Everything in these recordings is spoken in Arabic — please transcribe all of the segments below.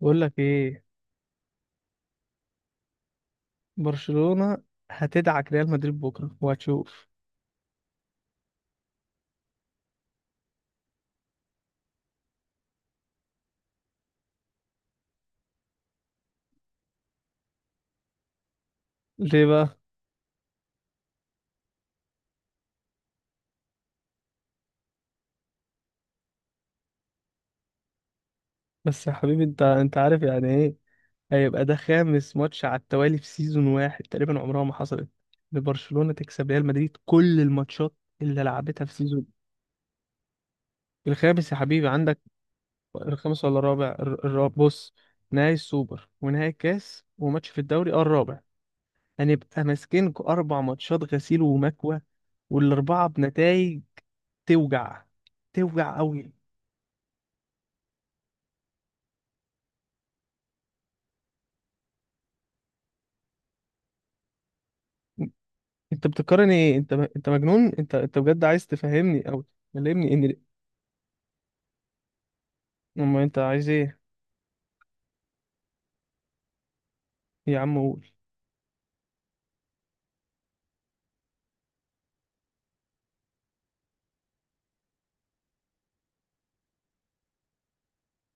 بقول لك ايه. برشلونة هتدعك ريال مدريد بكره وهتشوف. ليه بقى؟ بس يا حبيبي انت عارف يعني ايه. هيبقى ده خامس ماتش على التوالي في سيزون واحد، تقريبا عمرها ما حصلت لبرشلونة تكسب ريال مدريد كل الماتشات اللي لعبتها في سيزون. الخامس يا حبيبي عندك. الخامس ولا الرابع؟ الرابع، بص: نهائي السوبر ونهائي الكاس وماتش في الدوري، اه الرابع. هنبقى ماسكين اربع ماتشات غسيل ومكوى. والاربعه بنتائج توجع، توجع قوي. انت بتقارن ايه؟ انت مجنون؟ انت بجد عايز تفهمني او تكلمني ان، اما انت عايز ايه؟ يا عم قول.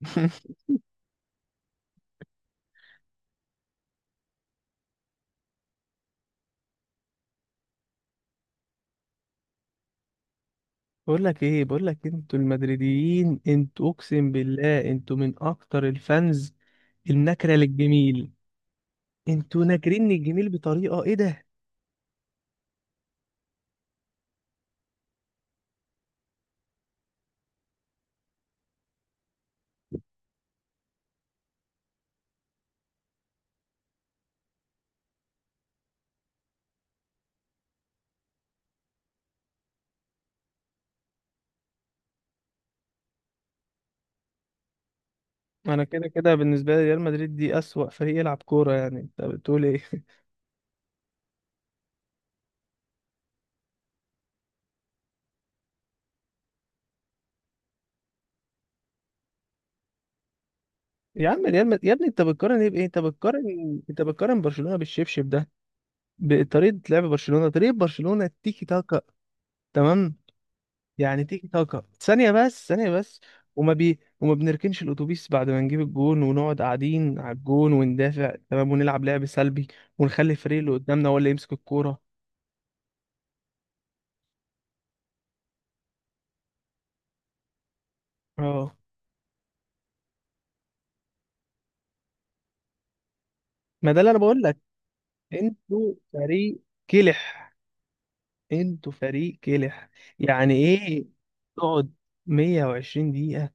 بقول لك ايه، انتوا المدريديين، انتوا اقسم بالله انتوا من اكتر الفانز النكره للجميل. انتوا ناكرين الجميل بطريقه ايه ده! انا كده كده بالنسبه لي ريال مدريد دي اسوأ فريق يلعب كوره، يعني انت بتقول ايه؟ يا عم ريال مد... يا ابني انت بتقارن ايه بايه؟ انت بتقارن، برشلونه بالشبشب ده؟ بطريقه لعب برشلونه، طريقه برشلونه التيكي تاكا، تمام؟ يعني تيكي تاكا. ثانية بس، ثانية بس. وما بنركنش الأتوبيس بعد ما نجيب الجون ونقعد قاعدين على الجون وندافع، تمام، ونلعب لعب سلبي ونخلي الفريق اللي قدامنا هو اللي يمسك الكورة. اه ما ده اللي أنا بقول لك. أنتوا فريق كلح، أنتوا فريق كلح. يعني إيه تقعد 120 دقيقة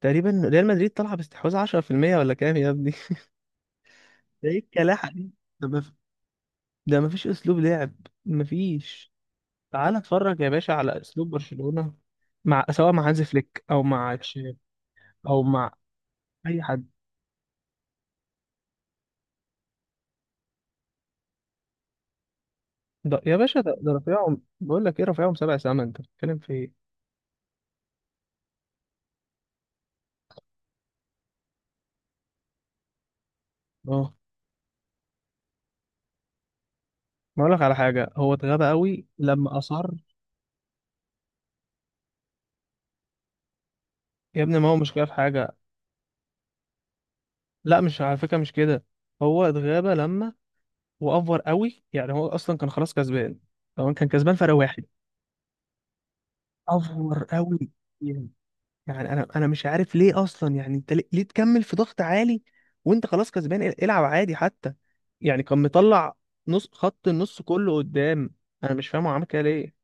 تقريبا ريال مدريد طالعة باستحواذ 10% ولا كام يا ابني؟ ده إيه الكلاحة دي؟ ده ما ده ما فيش أسلوب لعب، ما فيش. تعال اتفرج يا باشا على اسلوب برشلونة، مع سواء مع هانز فليك او مع تشيف او مع اي حد. ده يا باشا ده، ده رفيعهم، بقول لك ايه، رفيعهم سبع سما، انت بتتكلم في ايه؟ اه، ما اقول لك على حاجه، هو اتغاب قوي لما اصر. يا ابني ما هو مش كده في حاجه. لا مش على فكره مش كده. هو اتغاب لما وافور قوي، يعني هو اصلا كان خلاص كسبان. طبعا كان كسبان فرق واحد، افور قوي. يعني انا مش عارف ليه اصلا، يعني انت ليه، ليه تكمل في ضغط عالي وانت خلاص كسبان؟ العب عادي حتى. يعني كان مطلع نص، خط النص كله قدام. انا مش فاهم هو عمل كده ليه.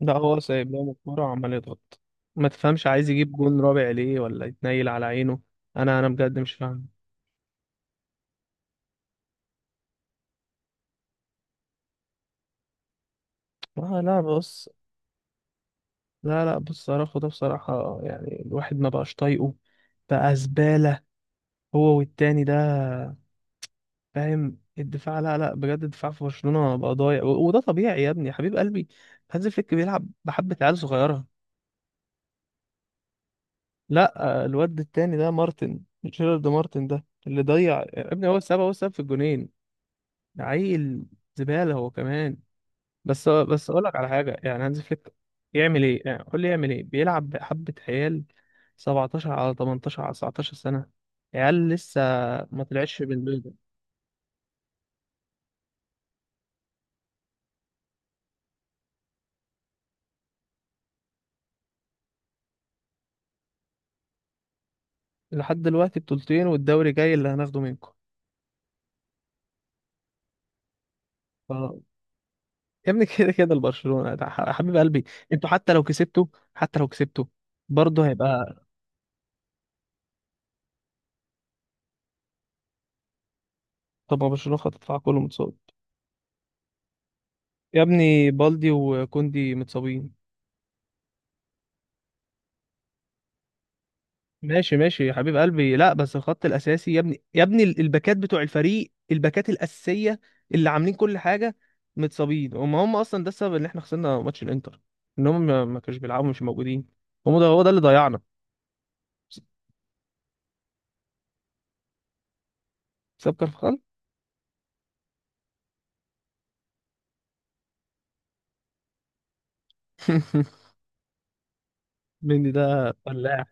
ده هو سايب لهم الكوره وعمال يضغط. ما تفهمش عايز يجيب جون رابع ليه ولا يتنيل على عينه. انا بجد مش فاهم. آه لا بص، لا لا بص صراحه، ده بصراحه يعني الواحد ما بقاش طايقه، بقى زباله هو والتاني ده، فاهم؟ الدفاع لا لا بجد الدفاع في برشلونة بقى ضايع وده طبيعي يا ابني يا حبيب قلبي، هانز فليك بيلعب بحبة عيال صغيرة. لا آه، الواد التاني ده مارتن، جيرارد مارتن ده اللي ضيع يا ابني، هو السبب، هو السبب في الجونين. ده عيل، زبالة هو كمان. بس اقول لك على حاجة، يعني هانز فليك يعمل ايه؟ يعني قول لي يعمل ايه، بيلعب بحبة عيال 17 على 18 على 19 سنة، عيال لسه ما طلعتش من البيضة. لحد دلوقتي بطولتين، والدوري جاي اللي هناخده منكم. اه. يا ابني كده كده البرشلونة يا حبيب قلبي، انتوا حتى لو كسبتوا، حتى لو كسبتوا، برضه هيبقى. طب ما برشلونة خط دفاع كله متصاب. يا ابني بالدي وكوندي متصابين. ماشي ماشي يا حبيب قلبي، لا بس الخط الاساسي يا ابني، يا ابني الباكات بتوع الفريق، الباكات الاساسيه اللي عاملين كل حاجه متصابين، وما هم اصلا ده السبب ان احنا خسرنا ماتش الانتر، ان هم ما كانوش بيلعبوا، مش موجودين، هم ده، هو ده اللي ضيعنا. س- ساب كارفخال. مندي ده فلاح.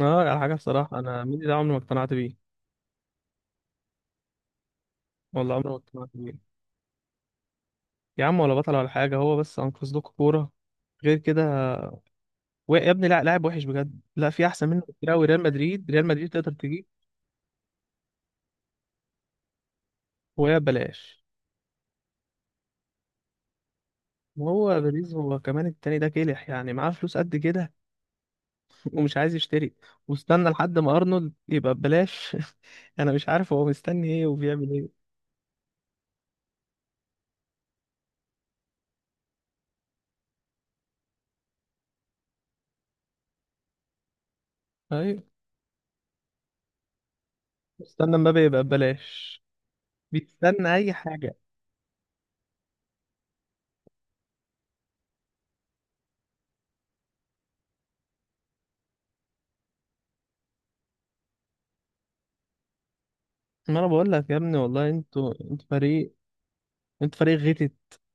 اه على حاجه بصراحه انا ميدي ده عمري ما اقتنعت بيه، والله عمري ما اقتنعت بيه. يا عم ولا بطل ولا حاجه، هو بس انقذ لكم كوره، غير كده يا ابني لا، لاعب وحش بجد، لا في احسن منه كتير قوي، ريال مدريد، تقدر تجيب وهي ببلاش. وهو بيريز هو كمان التاني ده كلح، يعني معاه فلوس قد كده ومش عايز يشتري، واستنى لحد ما ارنولد يبقى ببلاش. انا مش عارف هو مستني ايه وبيعمل ايه. ايوه، استنى مبابي يبقى ببلاش، بيستنى اي حاجه. ما انا بقول لك يا ابني، والله انتوا فريق، انت فريق غتت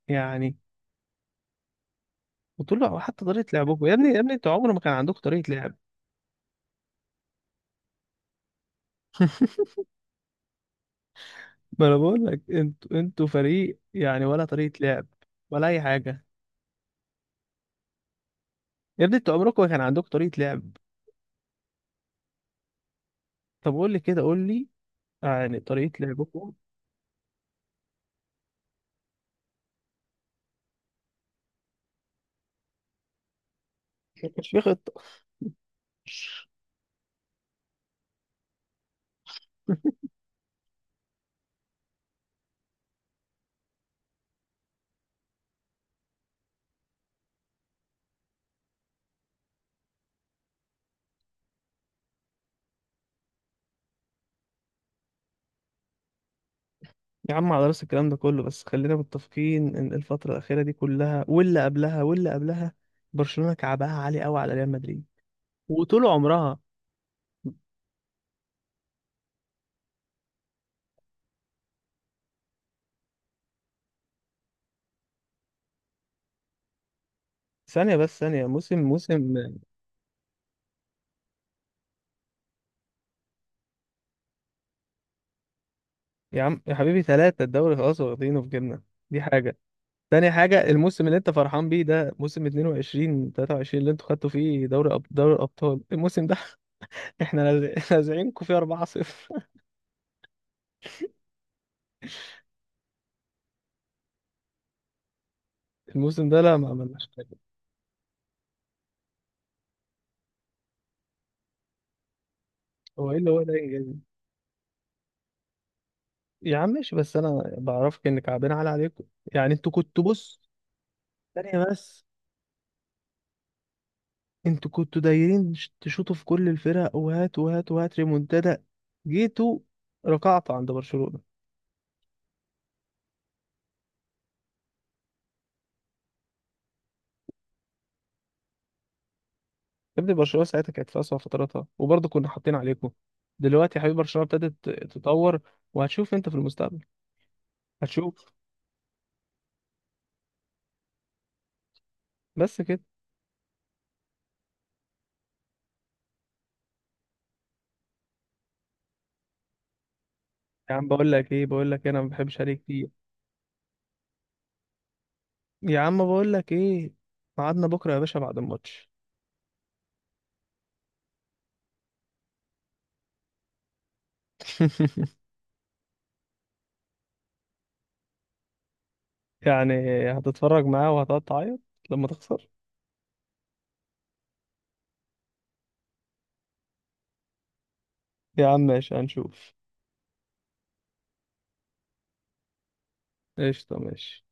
يعني. وطلع، وحتى طريقة لعبكم يا ابني، انتوا عمر ما كان عندكم طريقة لعب. ما انا بقول لك، انتوا فريق يعني، ولا طريقة لعب ولا اي حاجة. يا ابني انتوا عمركم ما كان عندكم طريقة لعب. طب قول لي كده، قول لي يعني طريقة لعبكم. ما كانش في خطة. يا عم على راس الكلام ده كله، بس خلينا متفقين ان الفترة الأخيرة دي كلها واللي قبلها برشلونة كعبها عالي قوي على ريال مدريد وطول عمرها. ثانية بس، ثانية، موسم. يا عم يا حبيبي ثلاثة الدوري خلاص واخدينه في جبنا. دي حاجة. تاني حاجة، الموسم اللي انت فرحان بيه ده موسم 22 23 اللي انتوا خدتوا فيه دوري أب... دوري الأبطال، الموسم ده احنا لاذعينكم فيه 4-0. الموسم ده لا ما عملناش حاجة. هو ايه اللي هو ده انجاز؟ يا عم ماشي، بس انا بعرفك ان كعبنا على عليكم، يعني انتوا كنتوا، بص ثانية بس، انتوا كنتوا دايرين تشوطوا في كل الفرق وهات وهات وهات ريمونتادا، جيتوا ركعتوا عند برشلونة. ابني برشلونه ساعتها كانت في اسوأ فتراتها وبرضه كنا حاطين عليكم. دلوقتي يا حبيبي برشلونه ابتدت تتطور وهتشوف انت في المستقبل. هتشوف بس كده. يا عم بقول لك ايه، بقول لك إيه، انا ما بحبش عليك كتير. يا عم بقول لك ايه، ميعادنا بكره يا باشا بعد الماتش. يعني هتتفرج معاه وهتقعد تعيط لما تخسر. يا عم ماشي هنشوف. قشطه ماشي.